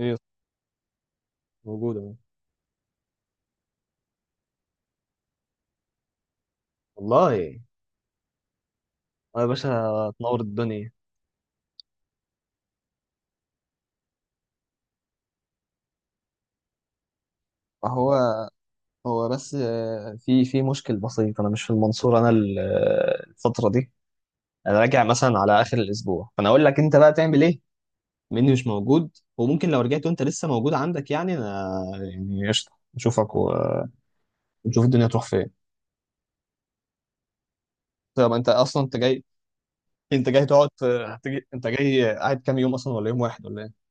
ايه، موجود اهو. والله. أنا يا باشا تنور الدنيا. هو هو بس في مشكل بسيط، انا مش في المنصورة. انا الفترة دي انا راجع مثلا على اخر الاسبوع، فانا اقول لك انت بقى تعمل ايه. مني مش موجود، وممكن لو رجعت وانت لسه موجود عندك يعني انا يعني قشطه نشوفك ونشوف الدنيا تروح فين. طب انت جاي؟ هتجي انت جاي قاعد كام يوم اصلا، ولا يوم واحد ولا ايه؟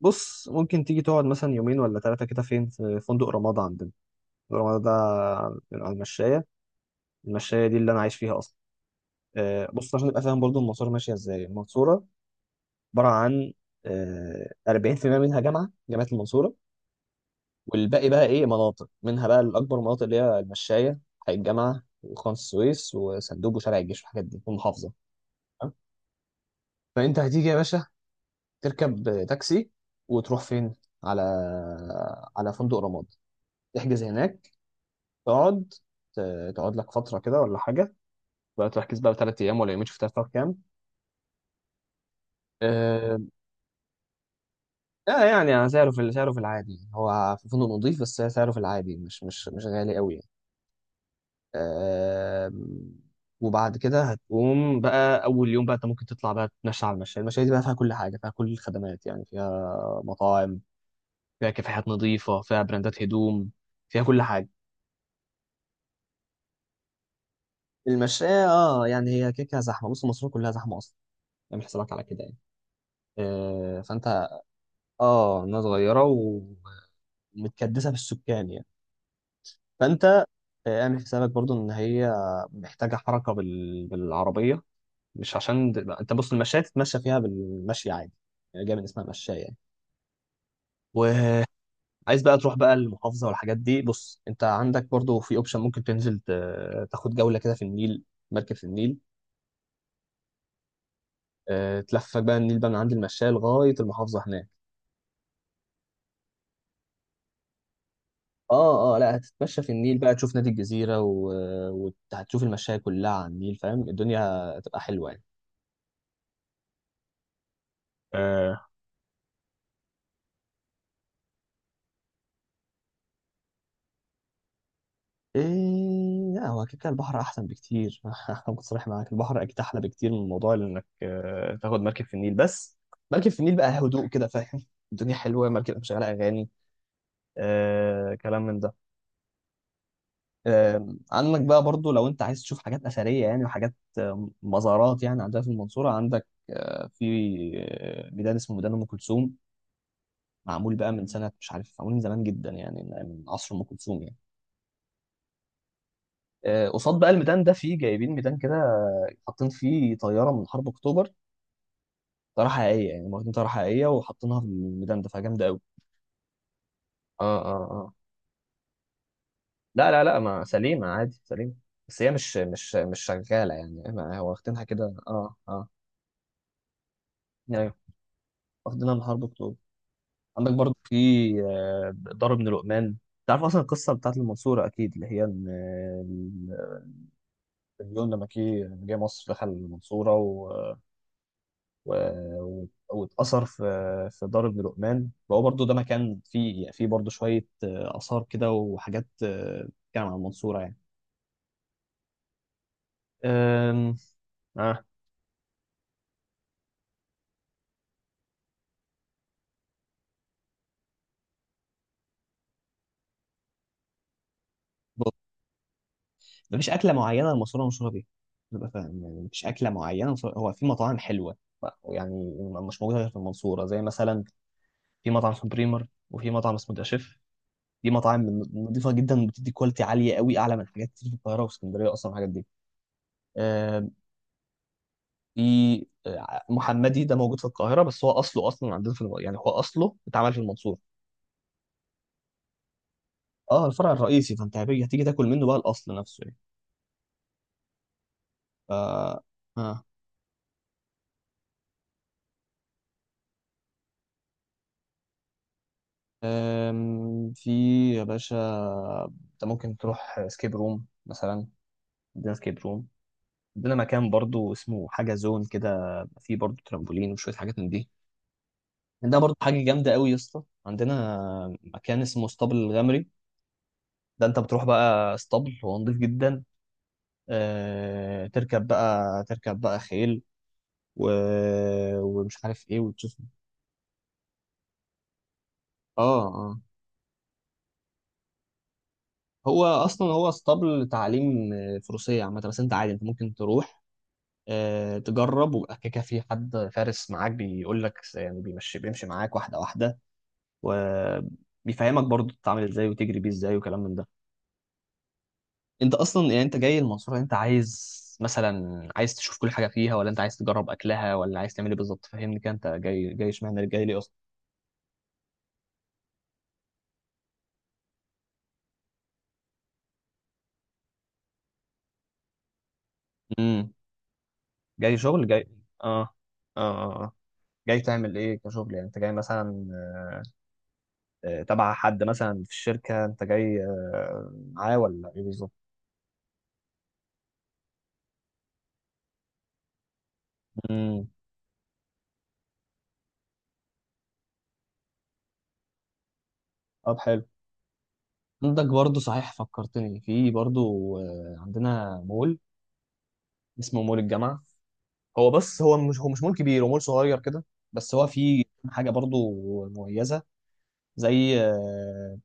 بص، ممكن تيجي تقعد مثلا يومين ولا ثلاثه كده فين في فندق رمضان، عندنا الرمادة ده من على المشاية. المشاية دي اللي أنا عايش فيها أصلا. بص، عشان تبقى فاهم برضو المنصورة ماشية إزاي. المنصورة عبارة عن 40% منها جامعة، جامعة المنصورة. والباقي بقى إيه، مناطق، منها بقى الأكبر مناطق اللي هي المشاية، حي الجامعة وخان السويس وسندوب وشارع الجيش والحاجات دي، والمحافظة. تمام؟ فأنت هتيجي يا باشا، تركب تاكسي وتروح فين؟ على على فندق رماد، تحجز هناك، تقعد، تقعد لك فترة كده ولا حاجة، بقى تركيز بقى بثلاث ايام ولا يومين، شفتها في كام. آه لا يعني أنا سعره في العادي هو في فندق نظيف، بس سعره في العادي مش غالي قوي يعني. آه وبعد كده هتقوم بقى اول يوم، بقى انت ممكن تطلع بقى تتمشى على المشاية. المشاية دي بقى فيها كل حاجه، فيها كل الخدمات يعني، فيها مطاعم، فيها كافيهات نظيفه، فيها براندات هدوم، فيها كل حاجه. المشاية اه يعني هي كيكه زحمه، بص مصر كلها زحمه اصلا، اعمل حسابك على كده يعني. فانت، اه، الناس صغيره، متكدسه في السكان يعني. فانت آه، اعمل حسابك برضو ان هي محتاجه حركه بالعربيه. مش عشان انت بص، المشاية تتمشى فيها بالمشي عادي، يعني جاي من اسمها مشاية يعني. وعايز بقى تروح بقى المحافظه والحاجات دي، بص انت عندك برضو في اوبشن، ممكن تنزل تاخد جوله كده في النيل، مركب في النيل. تلفك بقى النيل بقى من عند المشاية لغايه المحافظه هناك. اه لا، هتتمشى في النيل بقى، تشوف نادي الجزيره، وهتشوف المشاية كلها على النيل. فاهم؟ الدنيا هتبقى حلوه يعني. ايه، لا، هو اكيد كان البحر احسن بكتير. هكون صريح معاك، البحر اكيد احلى بكتير من موضوع انك تاخد مركب في النيل. بس مركب في النيل بقى هدوء كده، فاهم؟ الدنيا حلوه، مركب مشغله اغاني، كلام من ده. عندك بقى برضو لو انت عايز تشوف حاجات اثريه يعني، وحاجات مزارات يعني، عندها في المنصوره. عندك آه في آه، ميدان اسمه ميدان ام كلثوم، معمول بقى من سنه، مش عارف، معمول من زمان جدا يعني، من عصر ام كلثوم يعني. قصاد بقى الميدان ده فيه، جايبين ميدان كده حاطين فيه طياره من حرب اكتوبر. طياره حقيقيه يعني، هم واخدين طياره حقيقيه وحاطينها في الميدان ده، فجامده قوي. اه، اه، اه، لا، لا، لا، ما سليمة عادي، سليمة. بس هي مش شغالة يعني، ما هو واخدينها كده، اه، اه. ايوه، واخدينها من حرب اكتوبر. عندك برضو في دار ابن لقمان. تعرف اصلا القصه بتاعت المنصوره اكيد، اللي هي ان النابليون لما لما جه مصر دخل المنصوره و... و- واتأثر في دار ابن لقمان. فهو برضه ده مكان فيه برضه شوية آثار كده، وحاجات بتتكلم عن المنصورة يعني. أم... آه. بص، مفيش أكلة معينة المنصورة مشهورة بيها، تبقى فاهم يعني. مفيش أكلة معينة هو في مطاعم حلوة يعني مش موجودة غير في المنصورة، زي مثلا في مطعم اسمه بريمر، وفي مطعم اسمه داشيف. دي مطاعم نظيفة جدا، وبتدي كواليتي عالية قوي، أعلى من حاجات كتير في القاهرة واسكندرية أصلا الحاجات دي. آه، في آه، محمدي ده موجود في القاهره، بس هو اصله اصلا عندنا في يعني هو اصله اتعمل في المنصوره. اه، الفرع الرئيسي. فانت هتيجي تاكل منه بقى الاصل نفسه يعني. ف اه أم، في يا باشا، انت ممكن تروح سكيب روم مثلا، عندنا سكيب روم. عندنا مكان برضو اسمه حاجه زون كده، فيه برضو ترامبولين وشويه حاجات من دي. عندنا برضو حاجه جامده قوي يا اسطى، عندنا مكان اسمه اسطبل الغمري. ده انت بتروح بقى اسطبل، هو نضيف جدا، تركب بقى، خيل و... ومش عارف ايه، وتشوف. اه، اه، هو اصلا، اسطبل تعليم فروسيه عامه، بس انت عادي انت ممكن تروح تجرب، ويبقى كده، كده في حد فارس معاك بيقول لك يعني، بيمشي معاك واحده واحده، وبيفهمك برضو تتعامل ازاي وتجري بيه ازاي وكلام من ده. انت اصلا يعني انت جاي المنصوره، انت عايز مثلا، عايز تشوف كل حاجه فيها، ولا انت عايز تجرب اكلها، ولا عايز تعمل ايه بالظبط؟ فهمني كده، انت جاي اشمعنى جاي ليه اصلا؟ امم جاي شغل، جاي. اه، اه، اه، آه. جاي تعمل ايه كشغل يعني؟ انت جاي مثلا تبع حد مثلا في الشركة، انت جاي معاه، ولا ايه بالظبط؟ امم طب حلو. عندك برضو صحيح، فكرتني في برضو عندنا مول اسمه مول الجامعة، هو بس هو مش مول كبير، هو مول صغير كده. بس هو فيه حاجة برضو مميزة، زي آه،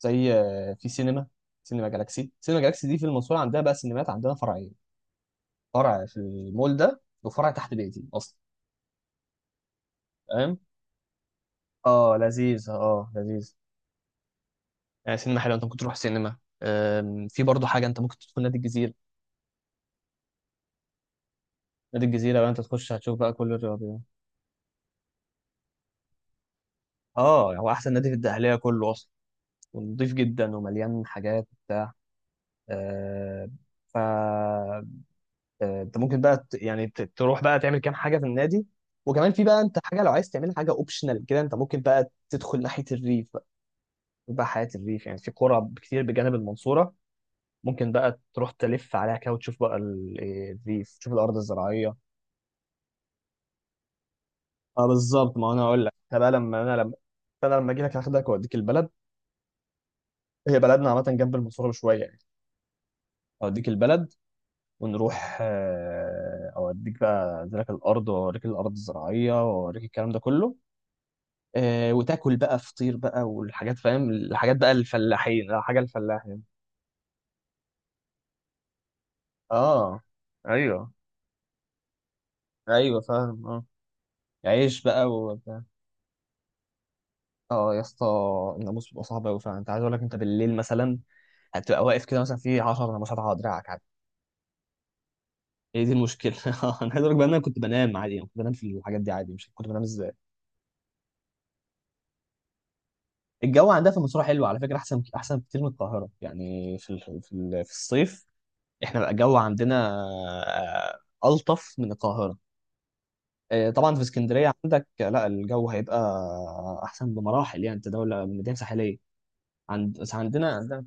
زي آه، في سينما، سينما جالاكسي دي في المنصورة عندها بقى سينمات عندنا فرعية، فرع في المول ده، وفرع تحت بيتي اصلا. فاهم. اه لذيذ، اه لذيذ، يعني سينما حلوه، انت ممكن تروح سينما. في برضه حاجه، انت ممكن تدخل نادي الجزيره. نادي الجزيره لو انت تخش هتشوف بقى كل الرياضيات. اه، هو احسن نادي في الدقهليه كله اصلا، ونضيف جدا ومليان حاجات وبتاع. أه ف آه، انت ممكن بقى تروح بقى تعمل كام حاجه في النادي. وكمان في بقى انت حاجه لو عايز تعمل حاجه اوبشنال كده، انت ممكن بقى تدخل ناحيه الريف بقى، يبقى حياه الريف يعني. في قرى كتير بجانب المنصوره، ممكن بقى تروح تلف عليها كده، وتشوف بقى ال- إيه دي تشوف الارض الزراعيه. اه بالظبط، ما انا اقول لك انا بقى، لما، فانا لما اجي لك هاخدك واوديك البلد. هي بلدنا عامه جنب المنصوره بشويه يعني، اوديك البلد، ونروح، اوديك بقى أنزلك الارض، واوريك الارض الزراعيه، واوريك الكلام ده كله. وتاكل بقى فطير بقى، والحاجات، فاهم الحاجات بقى الفلاحين حاجه الفلاح يعني. اه، ايوه، ايوه، فاهم، اه، عيش بقى. اه يا اسطى، الناموس بيبقى صعب قوي فعلا. انت عايز اقول لك، انت بالليل مثلا هتبقى واقف كده مثلا في 10 ناموسات على دراعك عادي. هي دي المشكله. انا عايز اقول لك بقى ان انا كنت بنام عادي، يعني كنت بنام في الحاجات دي عادي، مش كنت بنام ازاي. الجو عندها في المنصوره حلو على فكره، احسن، كتير من القاهره، يعني في في الصيف احنا بقى الجو عندنا آه، الطف من القاهره. طبعا في اسكندريه عندك لا الجو هيبقى احسن بمراحل يعني، انت دوله مدينه ساحليه. عندنا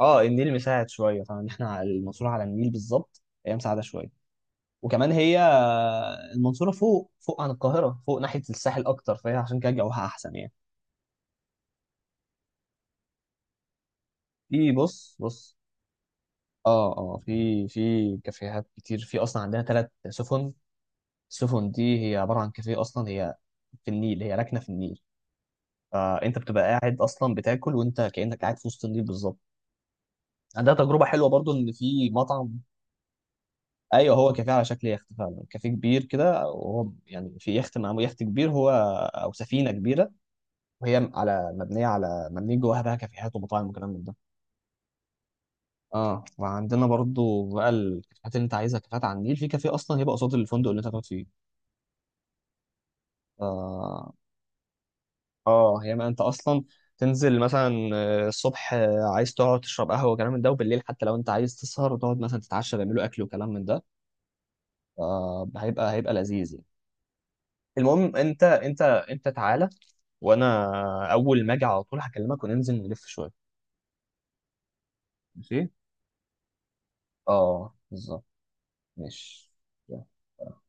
اه النيل مساعد شويه طبعا، ان احنا المنصوره على النيل بالظبط، هي مساعده شويه. وكمان هي المنصوره فوق عن القاهره، فوق ناحيه الساحل اكتر، فهي عشان كده جوها احسن يعني. في بص، بص، اه، اه، في كافيهات كتير، في اصلا عندنا ثلاث سفن. السفن دي هي عباره عن كافيه اصلا، هي في النيل، هي راكنه في النيل. فانت بتبقى قاعد اصلا بتاكل، وانت كانك قاعد في وسط النيل بالظبط. عندها تجربه حلوه برضو، ان في مطعم، ايوه، هو كافيه على شكل يخت فعلا، كافيه كبير كده، وهو يعني في يخت معمول، يخت كبير هو، او سفينه كبيره، وهي على مبنيه، على مبنيه جواها بقى كافيهات ومطاعم وكلام من ده. اه، وعندنا برضو بقى الكافيهات اللي انت عايزها، كافيهات على النيل، في كافيه اصلا هيبقى قصاد الفندق اللي انت هتقعد فيه. اه، اه، هي ما انت اصلا تنزل مثلا الصبح عايز تقعد تشرب قهوه وكلام من ده، وبالليل حتى لو انت عايز تسهر وتقعد مثلا تتعشى بيعملوا اكل وكلام من ده. هيبقى، لذيذ يعني. المهم انت، انت تعالى، وانا اول ما اجي على طول هكلمك وننزل نلف شويه. ماشي، اه، بالظبط، ماشي. يلا.